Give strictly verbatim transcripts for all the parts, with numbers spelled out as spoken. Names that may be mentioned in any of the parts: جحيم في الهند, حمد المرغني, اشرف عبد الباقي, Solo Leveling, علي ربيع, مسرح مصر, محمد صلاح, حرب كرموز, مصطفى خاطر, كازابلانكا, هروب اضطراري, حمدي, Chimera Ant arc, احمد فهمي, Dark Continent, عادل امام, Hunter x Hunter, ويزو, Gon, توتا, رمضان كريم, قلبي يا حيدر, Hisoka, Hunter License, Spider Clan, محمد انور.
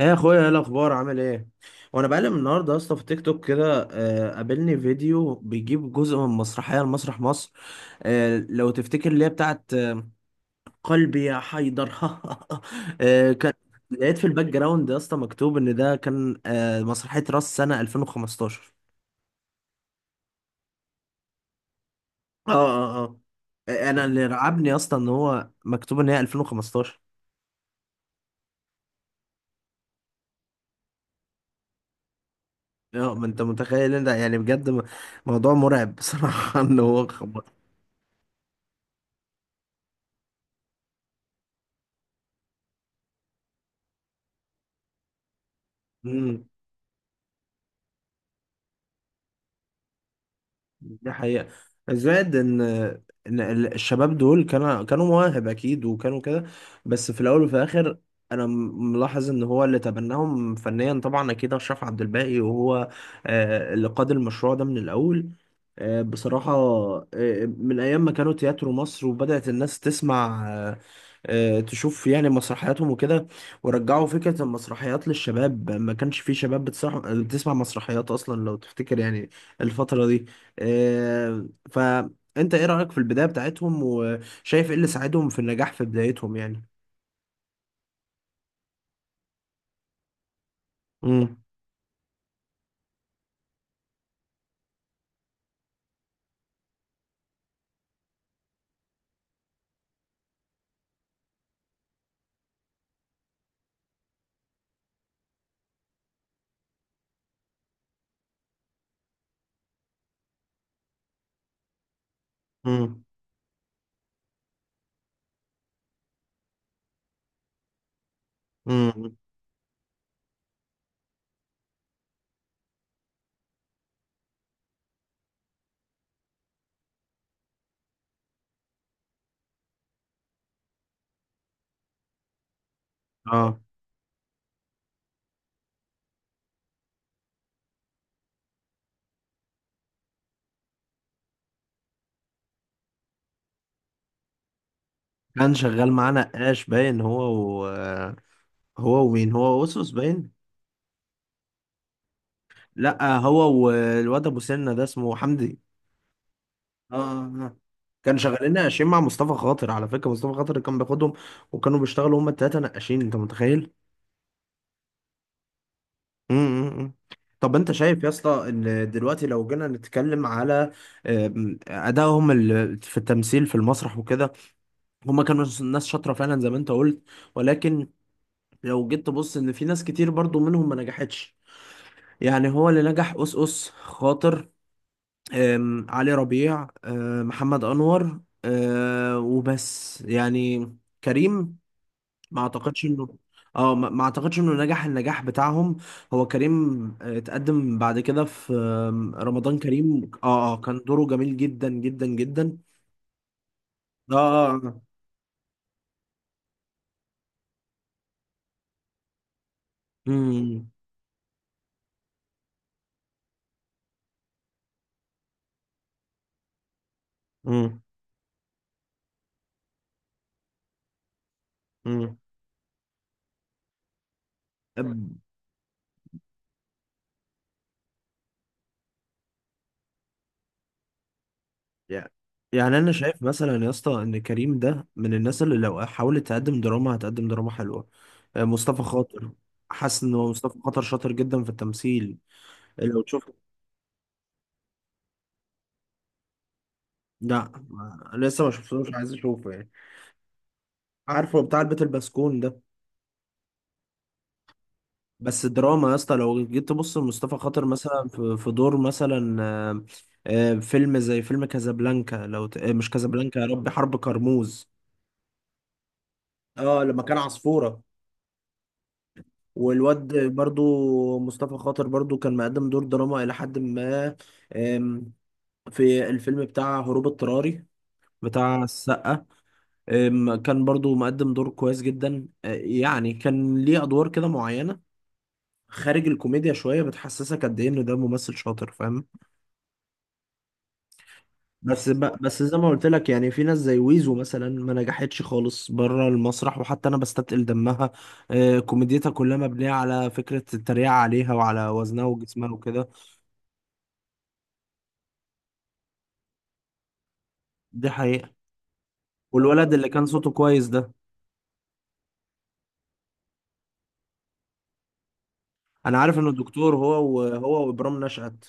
ايه يا اخويا؟ ايه الاخبار؟ عامل ايه؟ وانا بقلب النهارده يا اسطى في تيك توك كده آه، قابلني فيديو بيجيب جزء من مسرحيه لمسرح مصر. آه، لو تفتكر اللي هي بتاعت آه، قلبي يا حيدر. آه، كان لقيت في الباك جراوند يا اسطى مكتوب ان ده كان آه، مسرحيه راس سنه ألفين وخمستاشر. اه اه. اه، انا اللي رعبني يا اسطى ان هو مكتوب ان هي ألفين وخمستاشر. اه، ما انت متخيل ان ده يعني بجد، م- موضوع مرعب بصراحه. ان هو خبط. دي حقيقة. زائد ان ان ال- الشباب دول كانوا كانوا مواهب اكيد وكانوا كده. بس في الاول وفي الاخر، انا م- ملاحظ ان هو اللي تبناهم فنيا طبعا اكيد اشرف عبد الباقي، وهو آه، اللي قاد المشروع ده من الاول. آه، بصراحة، آه، من ايام ما كانوا تياترو مصر وبدأت الناس تسمع آه، آه، تشوف يعني مسرحياتهم وكده، ورجعوا فكرة المسرحيات للشباب. ما كانش في شباب بتسرح- بتسمع مسرحيات اصلا لو تفتكر يعني الفترة دي. آه، فانت ايه رأيك في البداية بتاعتهم؟ وشايف ايه اللي ساعدهم في النجاح في بدايتهم يعني؟ امم. امم. امم. اه، كان شغال معانا نقاش باين، هو و... آه، هو ومين، هو وسوس باين. لا، هو والواد ابو سنة ده اسمه حمدي. اه، آه، آه. كان شغالين نقاشين مع مصطفى خاطر. على فكرة مصطفى خاطر كان بياخدهم وكانوا بيشتغلوا هما التلاتة نقاشين، انت متخيل. امم. طب انت شايف يا اسطى ان دلوقتي لو جينا نتكلم على آم، ادائهم ال- في التمثيل في المسرح وكده، هما كانوا س- ناس شاطره فعلا زي ما انت قلت، ولكن لو جيت تبص، ان في ناس كتير برضو منهم ما نجحتش. يعني هو اللي نجح اس اس خاطر، آم، علي ربيع، آم، محمد انور، آه، وبس يعني. كريم ما اعتقدش انه، اه، ما ما اعتقدش انه نجح النجاح بتاعهم. هو كريم آه، اتقدم بعد كده في آم، رمضان كريم. اه اه، كان دوره جميل جدا جدا جدا. اه اه اه. امم. امم. امم. يعني، يعني انا شايف مثلا يا اسطى ان كريم ده من الناس اللي لو حاولت تقدم دراما هتقدم دراما حلوه. آه، مصطفى خاطر، حاسس ان هو مصطفى خاطر شاطر جدا في التمثيل. لو تشوف، لا ما- لسه ما شفتوش، عايز اشوفه يعني. عارفه بتاع البيت البسكون ده. بس دراما يا اسطى، لو جيت تبص لمصطفى خاطر مثلا في في دور مثلا آه، آه، فيلم زي فيلم كازابلانكا، لو ت... آه، مش كازابلانكا، يا ربي، حرب كرموز. اه، لما كان عصفورة. والواد برضو مصطفى خاطر برضو كان مقدم دور دراما إلى حد ما. آم، في الفيلم بتاع هروب اضطراري بتاع السقا، آم، كان برضو مقدم دور كويس جدا. آه، يعني كان ليه أدوار كده معينة خارج الكوميديا شوية، بتحسسك قد إيه إن ده ممثل شاطر، فاهم. بس ب- بس زي ما قلت لك، يعني في ناس زي ويزو مثلا ما نجحتش خالص بره المسرح، وحتى انا بستثقل دمها. آه، كوميديتها كلها مبنيه على فكره التريقه عليها وعلى وزنها وجسمها وكده. دي حقيقه. والولد اللي كان صوته كويس ده، انا عارف انه دكتور، هو وهو وابرام نشأت.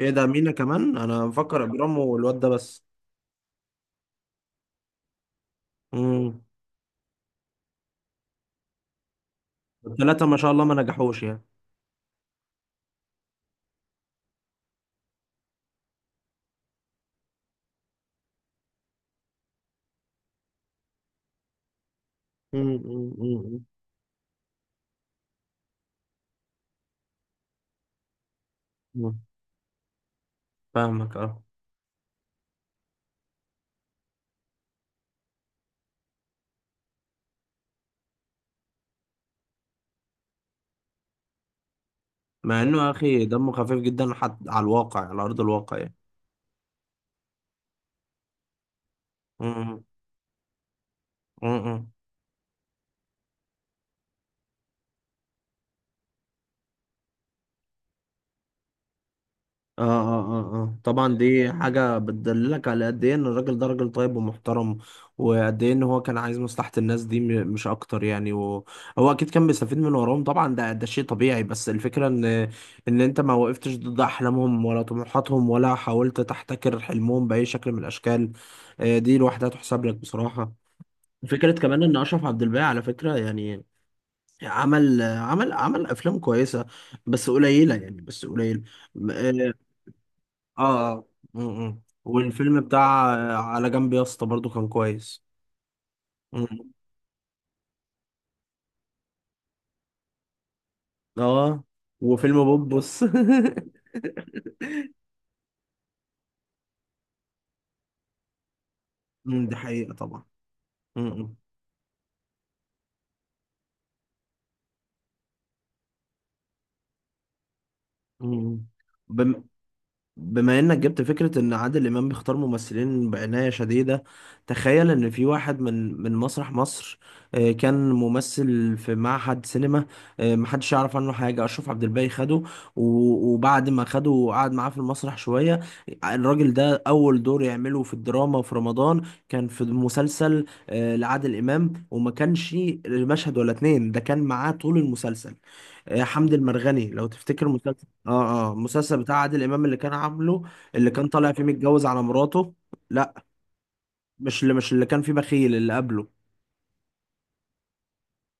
ايه ده؟ مينا كمان؟ انا مفكر ابرام والواد ده بس. امم. الثلاثه ما شاء الله ما نجحوش يعني. مم، مم، مم. مم. فاهمك، اه. مع انه يا اخي دمه خفيف جدا حتى على الواقع، على ارض الواقع. يعني. امم. اه اه اه اه، طبعا دي حاجة بتدللك على قد ايه ان الراجل ده راجل طيب ومحترم، وقد ايه ان هو كان عايز مصلحة الناس دي، م- مش اكتر يعني. وهو اكيد كان بيستفيد من وراهم طبعا، ده ده شيء طبيعي. بس الفكرة ان ان انت ما وقفتش ضد احلامهم ولا طموحاتهم، ولا حاولت تحتكر حلمهم بأي شكل من الاشكال. آه، دي لوحدها تحسب لك بصراحة. فكرة كمان ان اشرف عبد الباقي، على فكرة يعني، عمل عمل عمل افلام كويسة، بس قليلة يعني، بس قليل. آه. اه. امم. والفيلم بتاع آه، على جنب يا اسطى برضو كان كويس. امم. اه، وفيلم بوبوس. امم، دي حقيقة طبعا. امم. امم. بما انك جبت فكرة ان عادل امام بيختار ممثلين بعناية شديدة، تخيل ان في واحد من من مسرح مصر، آه، كان ممثل في معهد سينما، آه، محدش يعرف عنه حاجة. اشرف عبد الباقي خده، و- وبعد ما خده وقعد معاه في المسرح شوية، الراجل ده اول دور يعمله في الدراما في رمضان كان في مسلسل آه، لعادل امام، وما كانش مشهد ولا اتنين، ده كان معاه طول المسلسل. آه، حمد المرغني، لو تفتكر مسلسل، اه اه، المسلسل بتاع عادل امام اللي كان عامله، اللي كان طالع فيه متجوز على مراته. لا، مش اللي، مش اللي كان فيه بخيل اللي قبله.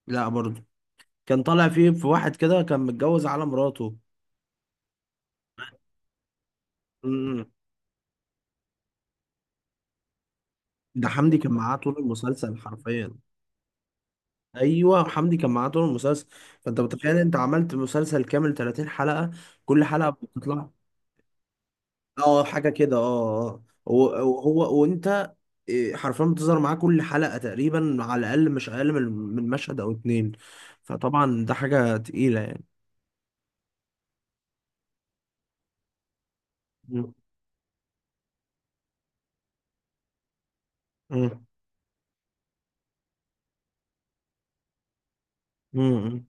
لا برضه، كان طالع فيه في واحد كده كان متجوز على مراته. امم. ده حمدي كان معاه طول المسلسل حرفيا. ايوه، حمدي كان معاه طول المسلسل. فانت متخيل، انت عملت مسلسل كامل ثلاثين حلقة، كل حلقة بتطلع. اه حاجه كده. اه اه، هو. هو وانت، إيه، حرفيا بتظهر معاه كل حلقه تقريبا، على الاقل مش اقل من من مشهد او اتنين. فطبعا ده حاجه تقيله يعني. مم. مم. مم.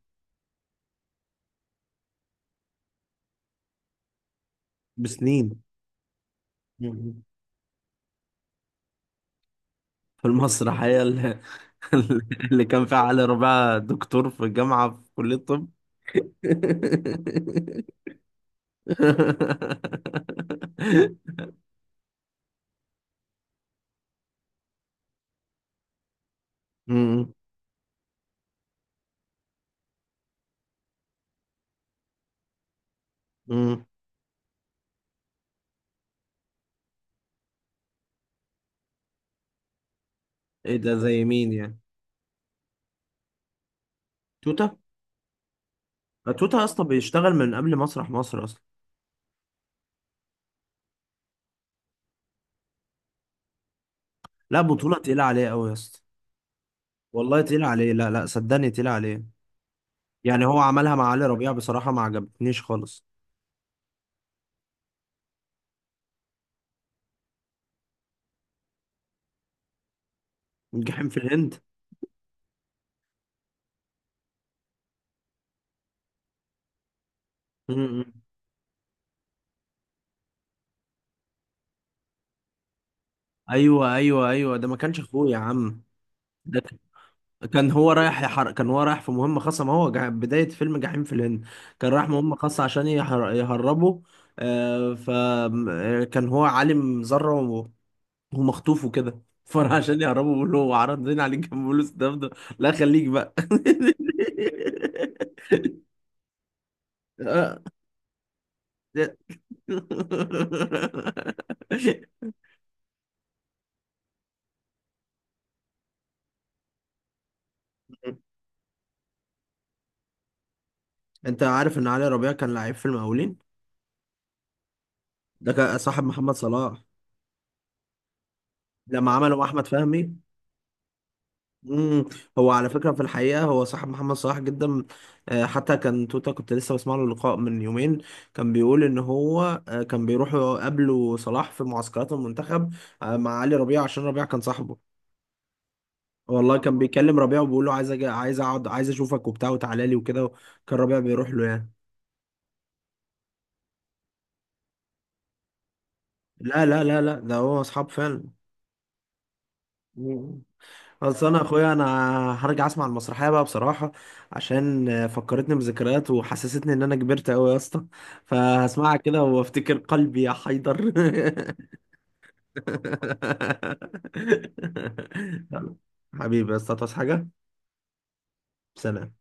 بسنين. مم. في المسرح هي اللي، اللي كان فيها علي ربيع دكتور في الجامعه في كليه الطب. مم. مم. ايه ده؟ زي مين يعني؟ توتا. توتا اصلا بيشتغل من قبل مسرح مصر اصلا. لا، بطولة تقيلة عليه قوي يا اسطى. والله تقيلة عليه، لا لا، صدقني تقيلة عليه. يعني هو عملها مع علي ربيع بصراحة ما عجبتنيش خالص. الجحيم في الهند. م- م. ايوه ايوه ايوه، ده ما كانش اخوه يا عم. ده ك- كان هو رايح يحر... كان هو رايح في مهمة خاصة. ما هو جع... بداية فيلم جحيم في الهند، كان رايح مهمة خاصة عشان يحر... يهربه. آه، فكان هو عالم ذرة و- ومخطوف وكده. فراح عشان يهربه بيقول له عرضنا عليك كام فلوس، ده ده. لا، خليك بقى. آه. انت عارف ان علي ربيع كان لعيب في المقاولين؟ ده كان صاحب محمد صلاح. لما عمله مع احمد فهمي. مم. هو على فكره في الحقيقه هو صاحب محمد صلاح جدا. آه، حتى كان توتا، كنت لسه بسمع له لقاء من يومين، كان بيقول ان هو آه، كان بيروح يقابله صلاح في معسكرات المنتخب آه، مع علي ربيع عشان ربيع كان صاحبه. والله كان بيكلم ربيع وبيقول له عايز أجي، عايز اقعد، عايز اشوفك وبتاع، وتعالى لي وكده. كان ربيع بيروح له يعني. لا لا لا لا، ده هو اصحاب فعلا. مم. اصل انا اخويا انا هرجع اسمع المسرحيه بقى بصراحه، عشان فكرتني بذكريات وحسستني ان انا كبرت قوي يا اسطى. فهسمعها كده وافتكر قلبي يا حيدر. حبيبي يا اسطى، تصحى حاجه. سلام.